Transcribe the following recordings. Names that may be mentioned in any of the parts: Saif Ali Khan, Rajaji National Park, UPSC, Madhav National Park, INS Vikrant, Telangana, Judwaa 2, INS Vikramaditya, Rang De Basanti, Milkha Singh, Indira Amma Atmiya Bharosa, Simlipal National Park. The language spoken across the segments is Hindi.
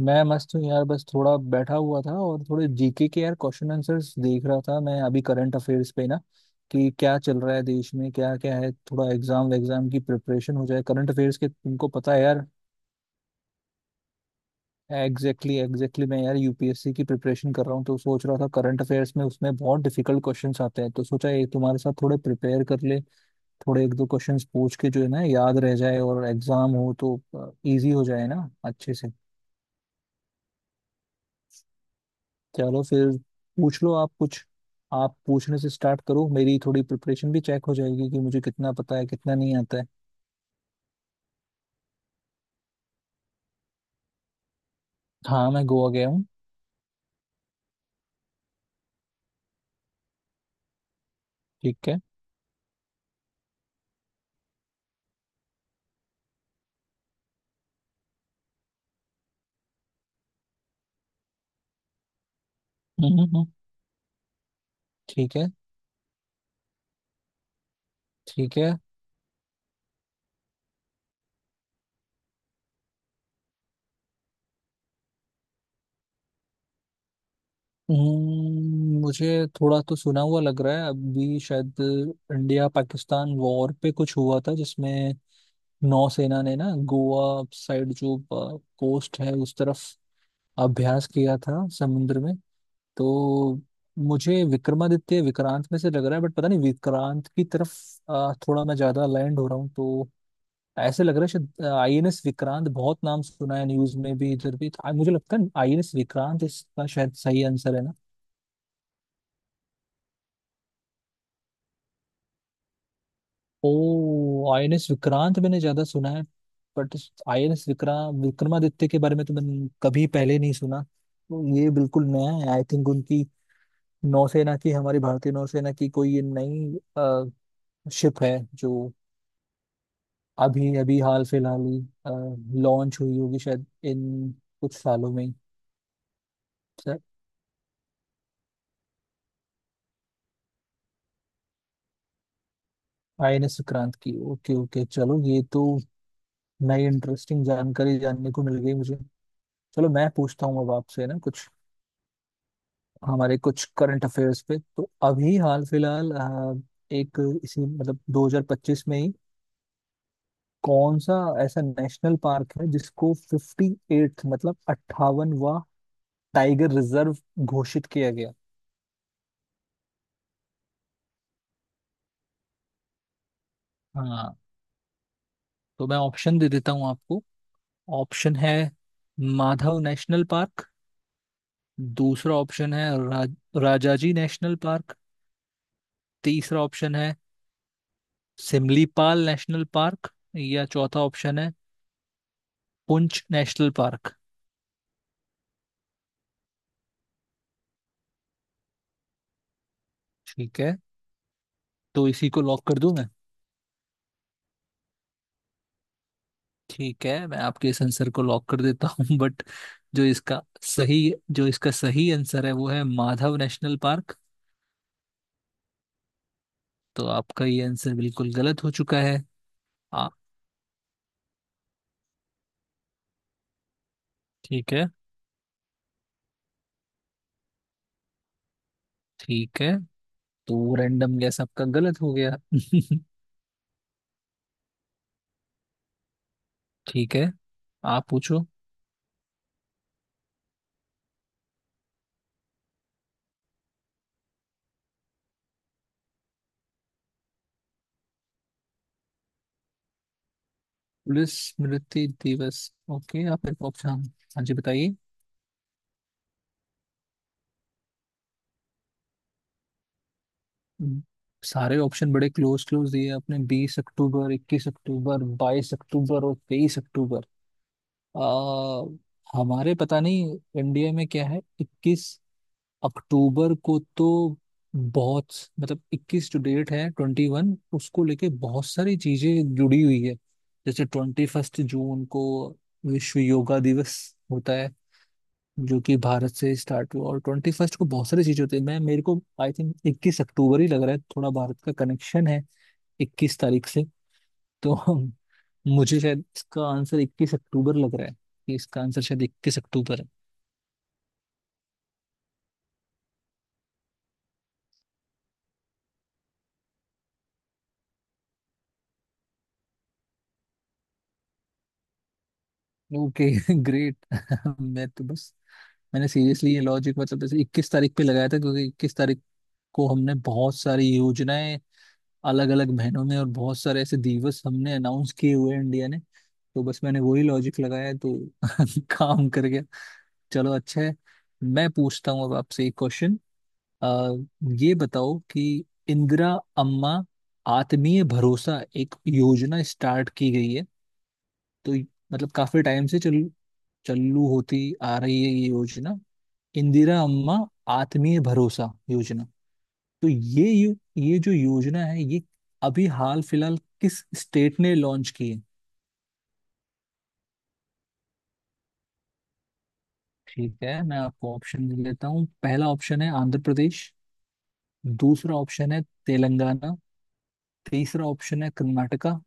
मैं मस्त हूँ यार। बस थोड़ा बैठा हुआ था और थोड़े जीके के यार क्वेश्चन आंसर्स देख रहा था। मैं अभी करंट अफेयर्स पे ना कि क्या चल रहा है देश में क्या क्या है। थोड़ा एग्जाम एग्जाम की प्रिपरेशन हो जाए करंट अफेयर्स के। तुमको पता है यार। Exactly exactly. मैं यार यूपीएससी की प्रिपरेशन कर रहा हूँ तो सोच रहा था करंट अफेयर्स में उसमें बहुत डिफिकल्ट क्वेश्चंस आते हैं। तो सोचा ये तुम्हारे साथ थोड़े प्रिपेयर कर ले, थोड़े एक दो क्वेश्चंस पूछ के जो है ना याद रह जाए, और एग्जाम हो तो इजी हो जाए ना अच्छे से। चलो फिर, पूछ लो आप कुछ। आप पूछने से स्टार्ट करो, मेरी थोड़ी प्रिपरेशन भी चेक हो जाएगी कि मुझे कितना पता है कितना नहीं आता है। हाँ मैं गोवा गया हूँ। ठीक है। हम्म, हम्म, हम्म। ठीक है। ठीक है। मुझे थोड़ा तो सुना हुआ लग रहा है अभी शायद। इंडिया पाकिस्तान वॉर पे कुछ हुआ था जिसमें नौसेना ने ना गोवा साइड जो कोस्ट है उस तरफ अभ्यास किया था समुद्र में। तो मुझे विक्रमादित्य विक्रांत में से लग रहा है, बट पता नहीं विक्रांत की तरफ थोड़ा मैं ज्यादा अलाइंड हो रहा हूँ। तो ऐसे लग रहा है शायद आईएनएस विक्रांत, बहुत नाम सुना है न्यूज में भी इधर भी। मुझे लगता है आईएनएस विक्रांत इसका शायद सही आंसर है ना। ओ, आईएनएस विक्रांत मैंने ज्यादा सुना है, बट आईएनएस विक्रांत विक्रमादित्य के बारे में तो मैंने कभी पहले नहीं सुना। तो ये बिल्कुल नया है आई थिंक। उनकी नौसेना की, हमारी भारतीय नौसेना की, कोई ये नई शिप है जो अभी अभी हाल फिलहाल ही लॉन्च हुई होगी शायद इन कुछ सालों में। सर। आईएनएस सुक्रांत की। ओके ओके, चलो ये तो नई इंटरेस्टिंग जानकारी जानने को मिल गई मुझे। चलो मैं पूछता हूँ अब आपसे ना कुछ हमारे कुछ करंट अफेयर्स पे। तो अभी हाल फिलहाल एक, इसी मतलब 2025 में ही कौन सा ऐसा नेशनल पार्क है जिसको 58th मतलब 58वां टाइगर रिजर्व घोषित किया गया। हाँ तो मैं ऑप्शन दे देता हूँ आपको। ऑप्शन है माधव नेशनल पार्क। दूसरा ऑप्शन है रा, राजाजी नेशनल पार्क। तीसरा ऑप्शन है सिमलीपाल नेशनल पार्क। या चौथा ऑप्शन है पुंछ नेशनल पार्क। ठीक है, तो इसी को लॉक कर दूं मैं। ठीक है, मैं आपके इस आंसर को लॉक कर देता हूँ बट जो इसका सही आंसर है वो है माधव नेशनल पार्क। तो आपका ये आंसर बिल्कुल गलत हो चुका है। हाँ। ठीक है। ठीक है। तो रैंडम गैस आपका गलत हो गया ठीक है, आप पूछो। पुलिस स्मृति दिवस। ओके, आप मेरे को ऑप्शन, हाँ जी बताइए। हम्म, सारे ऑप्शन बड़े क्लोज क्लोज दिए आपने, 20 अक्टूबर, 21 अक्टूबर, 22 अक्टूबर और 23 अक्टूबर। आ, हमारे पता नहीं इंडिया में क्या है। 21 अक्टूबर को तो बहुत, मतलब 21 जो डेट है 21, उसको लेके बहुत सारी चीजें जुड़ी हुई है। जैसे 21 जून को विश्व योगा दिवस होता है जो कि भारत से स्टार्ट हुआ। और 21st को बहुत सारी चीजें होती है। मैं मेरे को आई थिंक 21 अक्टूबर ही लग रहा है। थोड़ा भारत का कनेक्शन है 21 तारीख से। तो मुझे शायद इसका आंसर 21 अक्टूबर लग रहा है। कि इसका आंसर शायद 21 अक्टूबर है। ओके, ग्रेट मैं तो बस, मैंने सीरियसली ये लॉजिक मतलब जैसे 21 तारीख पे लगाया था, क्योंकि 21 तारीख को हमने बहुत सारी योजनाएं अलग अलग महीनों में और बहुत सारे ऐसे दिवस हमने अनाउंस किए हुए हैं इंडिया ने। तो बस मैंने वही लॉजिक लगाया तो काम कर गया। चलो अच्छा है। मैं पूछता हूँ अब आपसे एक क्वेश्चन। आ, ये बताओ कि इंदिरा अम्मा आत्मीय भरोसा एक योजना स्टार्ट की गई है। तो मतलब काफी टाइम से चल चालू होती आ रही है ये योजना। इंदिरा अम्मा आत्मीय भरोसा योजना। तो ये ये जो योजना है ये अभी हाल फिलहाल किस स्टेट ने लॉन्च की है। ठीक है, मैं आपको ऑप्शन दे देता हूँ। पहला ऑप्शन है आंध्र प्रदेश। दूसरा ऑप्शन है तेलंगाना। तीसरा ऑप्शन है कर्नाटका।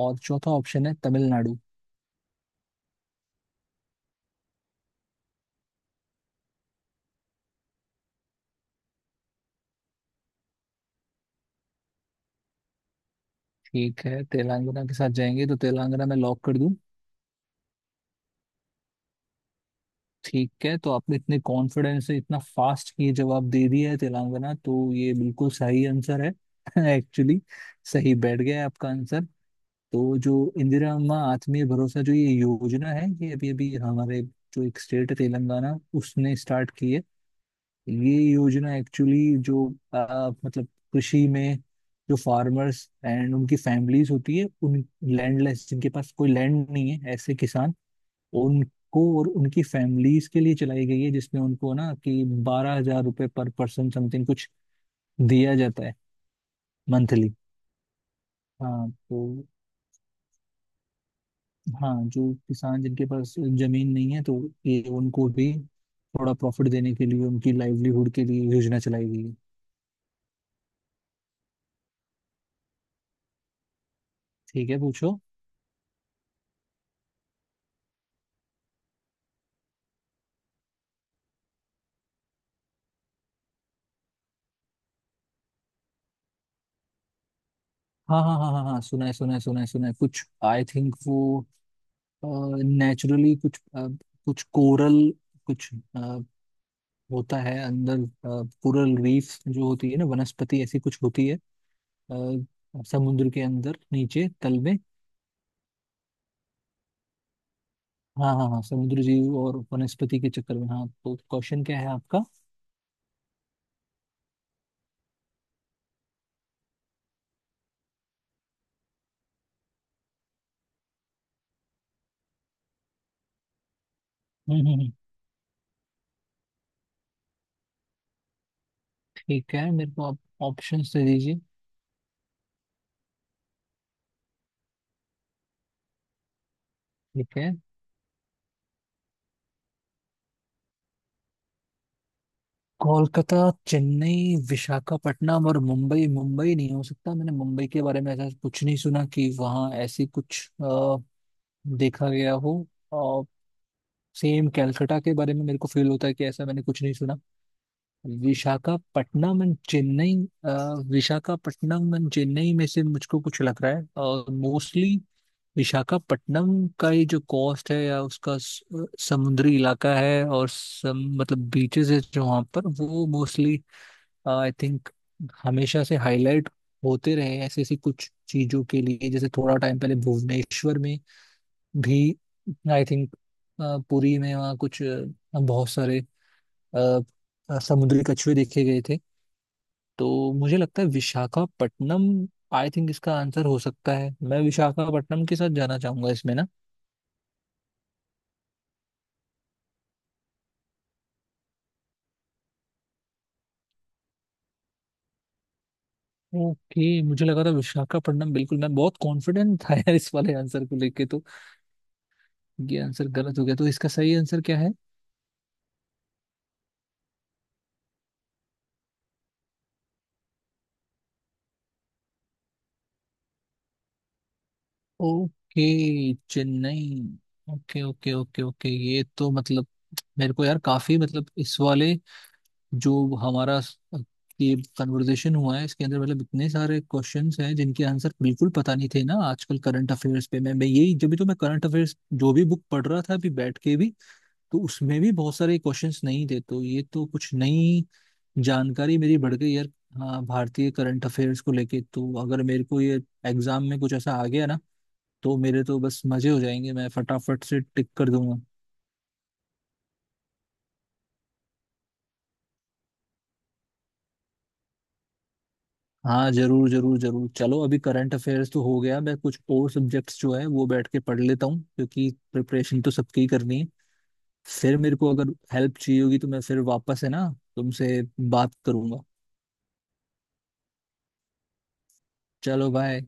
और चौथा ऑप्शन है तमिलनाडु। ठीक है, तेलंगाना के साथ जाएंगे तो तेलंगाना में लॉक कर दूं। ठीक है, तो आपने इतने कॉन्फिडेंस से इतना फास्ट ये जवाब दे दिया है तेलंगाना, तो ये बिल्कुल सही आंसर है एक्चुअली सही बैठ गया है आपका आंसर। तो जो इंदिरा अम्मा आत्मीय भरोसा जो ये योजना है, ये अभी अभी हमारे जो एक स्टेट है तेलंगाना, उसने स्टार्ट की है। ये योजना एक्चुअली जो मतलब कृषि में जो फार्मर्स एंड उनकी फैमिलीज होती है, उन लैंडलेस जिनके पास कोई लैंड नहीं है ऐसे किसान, उनको और उनकी फैमिलीज के लिए चलाई गई है, जिसमें उनको ना कि 12,000 रुपये पर पर्सन समथिंग कुछ दिया जाता है मंथली। हाँ तो, हाँ जो किसान जिनके पास जमीन नहीं है, तो ये उनको भी थोड़ा प्रॉफिट देने के लिए उनकी लाइवलीहुड के लिए योजना चलाई गई है। ठीक है पूछो। हाँ हाँ हाँ हाँ हाँ, सुना है सुना है सुना है सुना है। कुछ आई थिंक वो नेचुरली कुछ कुछ कोरल कुछ अ, होता है अंदर। कोरल रीफ जो होती है ना, वनस्पति ऐसी कुछ होती है समुद्र के अंदर नीचे तल में। हाँ हाँ हाँ, समुद्र जीव और वनस्पति के चक्कर में, हाँ। तो क्वेश्चन क्या है आपका। हम्म हम्म हम्म, ठीक है मेरे को आप ऑप्शन दे दीजिए। ठीक है। कोलकाता, चेन्नई, विशाखापट्टनम और मुंबई। मुंबई नहीं हो सकता, मैंने मुंबई के बारे में ऐसा कुछ नहीं सुना कि वहाँ ऐसी कुछ देखा गया हो। और सेम कैलकाटा के बारे में मेरे को फील होता है कि ऐसा मैंने कुछ नहीं सुना। विशाखापट्टनम एंड चेन्नई, अ, विशाखापट्टनम एंड चेन्नई में से मुझको कुछ लग रहा है। और मोस्टली विशाखापट्टनम का ये जो कोस्ट है या उसका समुद्री इलाका है और मतलब बीचेस है जो वहाँ पर, वो मोस्टली आई थिंक हमेशा से हाईलाइट होते रहे ऐसी ऐसी कुछ चीजों के लिए। जैसे थोड़ा टाइम पहले भुवनेश्वर में भी आई थिंक पुरी में वहाँ कुछ बहुत सारे अ, समुद्री कछुए देखे गए थे। तो मुझे लगता है विशाखापट्टनम आई थिंक इसका आंसर हो सकता है। मैं विशाखापट्टनम के साथ जाना चाहूंगा इसमें ना। ओके, मुझे लगा था विशाखापट्टनम बिल्कुल, मैं बहुत कॉन्फिडेंट था यार इस वाले आंसर को लेके, तो ये आंसर गलत हो गया। तो इसका सही आंसर क्या है। Okay, Chennai. Okay okay okay okay, ये तो मतलब मेरे को यार काफी, मतलब इस वाले जो हमारा ये कन्वर्सेशन हुआ है इसके अंदर मतलब इतने सारे क्वेश्चंस हैं जिनके आंसर बिल्कुल पता नहीं थे ना। आजकल करंट अफेयर्स पे मैं यही, जब भी तो मैं करंट अफेयर्स जो भी बुक पढ़ रहा था अभी बैठ के भी, तो उसमें भी बहुत सारे क्वेश्चंस नहीं थे। तो ये तो कुछ नई जानकारी मेरी बढ़ गई यार। हाँ भारतीय करंट अफेयर्स को लेके, तो अगर मेरे को ये एग्जाम में कुछ ऐसा आ गया ना, तो मेरे तो बस मजे हो जाएंगे, मैं फटाफट से टिक कर दूंगा। हाँ जरूर जरूर जरूर। चलो अभी करंट अफेयर्स तो हो गया, मैं कुछ और सब्जेक्ट्स जो है वो बैठ के पढ़ लेता हूँ क्योंकि प्रिपरेशन तो सबकी ही करनी है। फिर मेरे को अगर हेल्प चाहिए होगी तो मैं फिर वापस, है ना, तुमसे बात करूंगा। चलो बाय।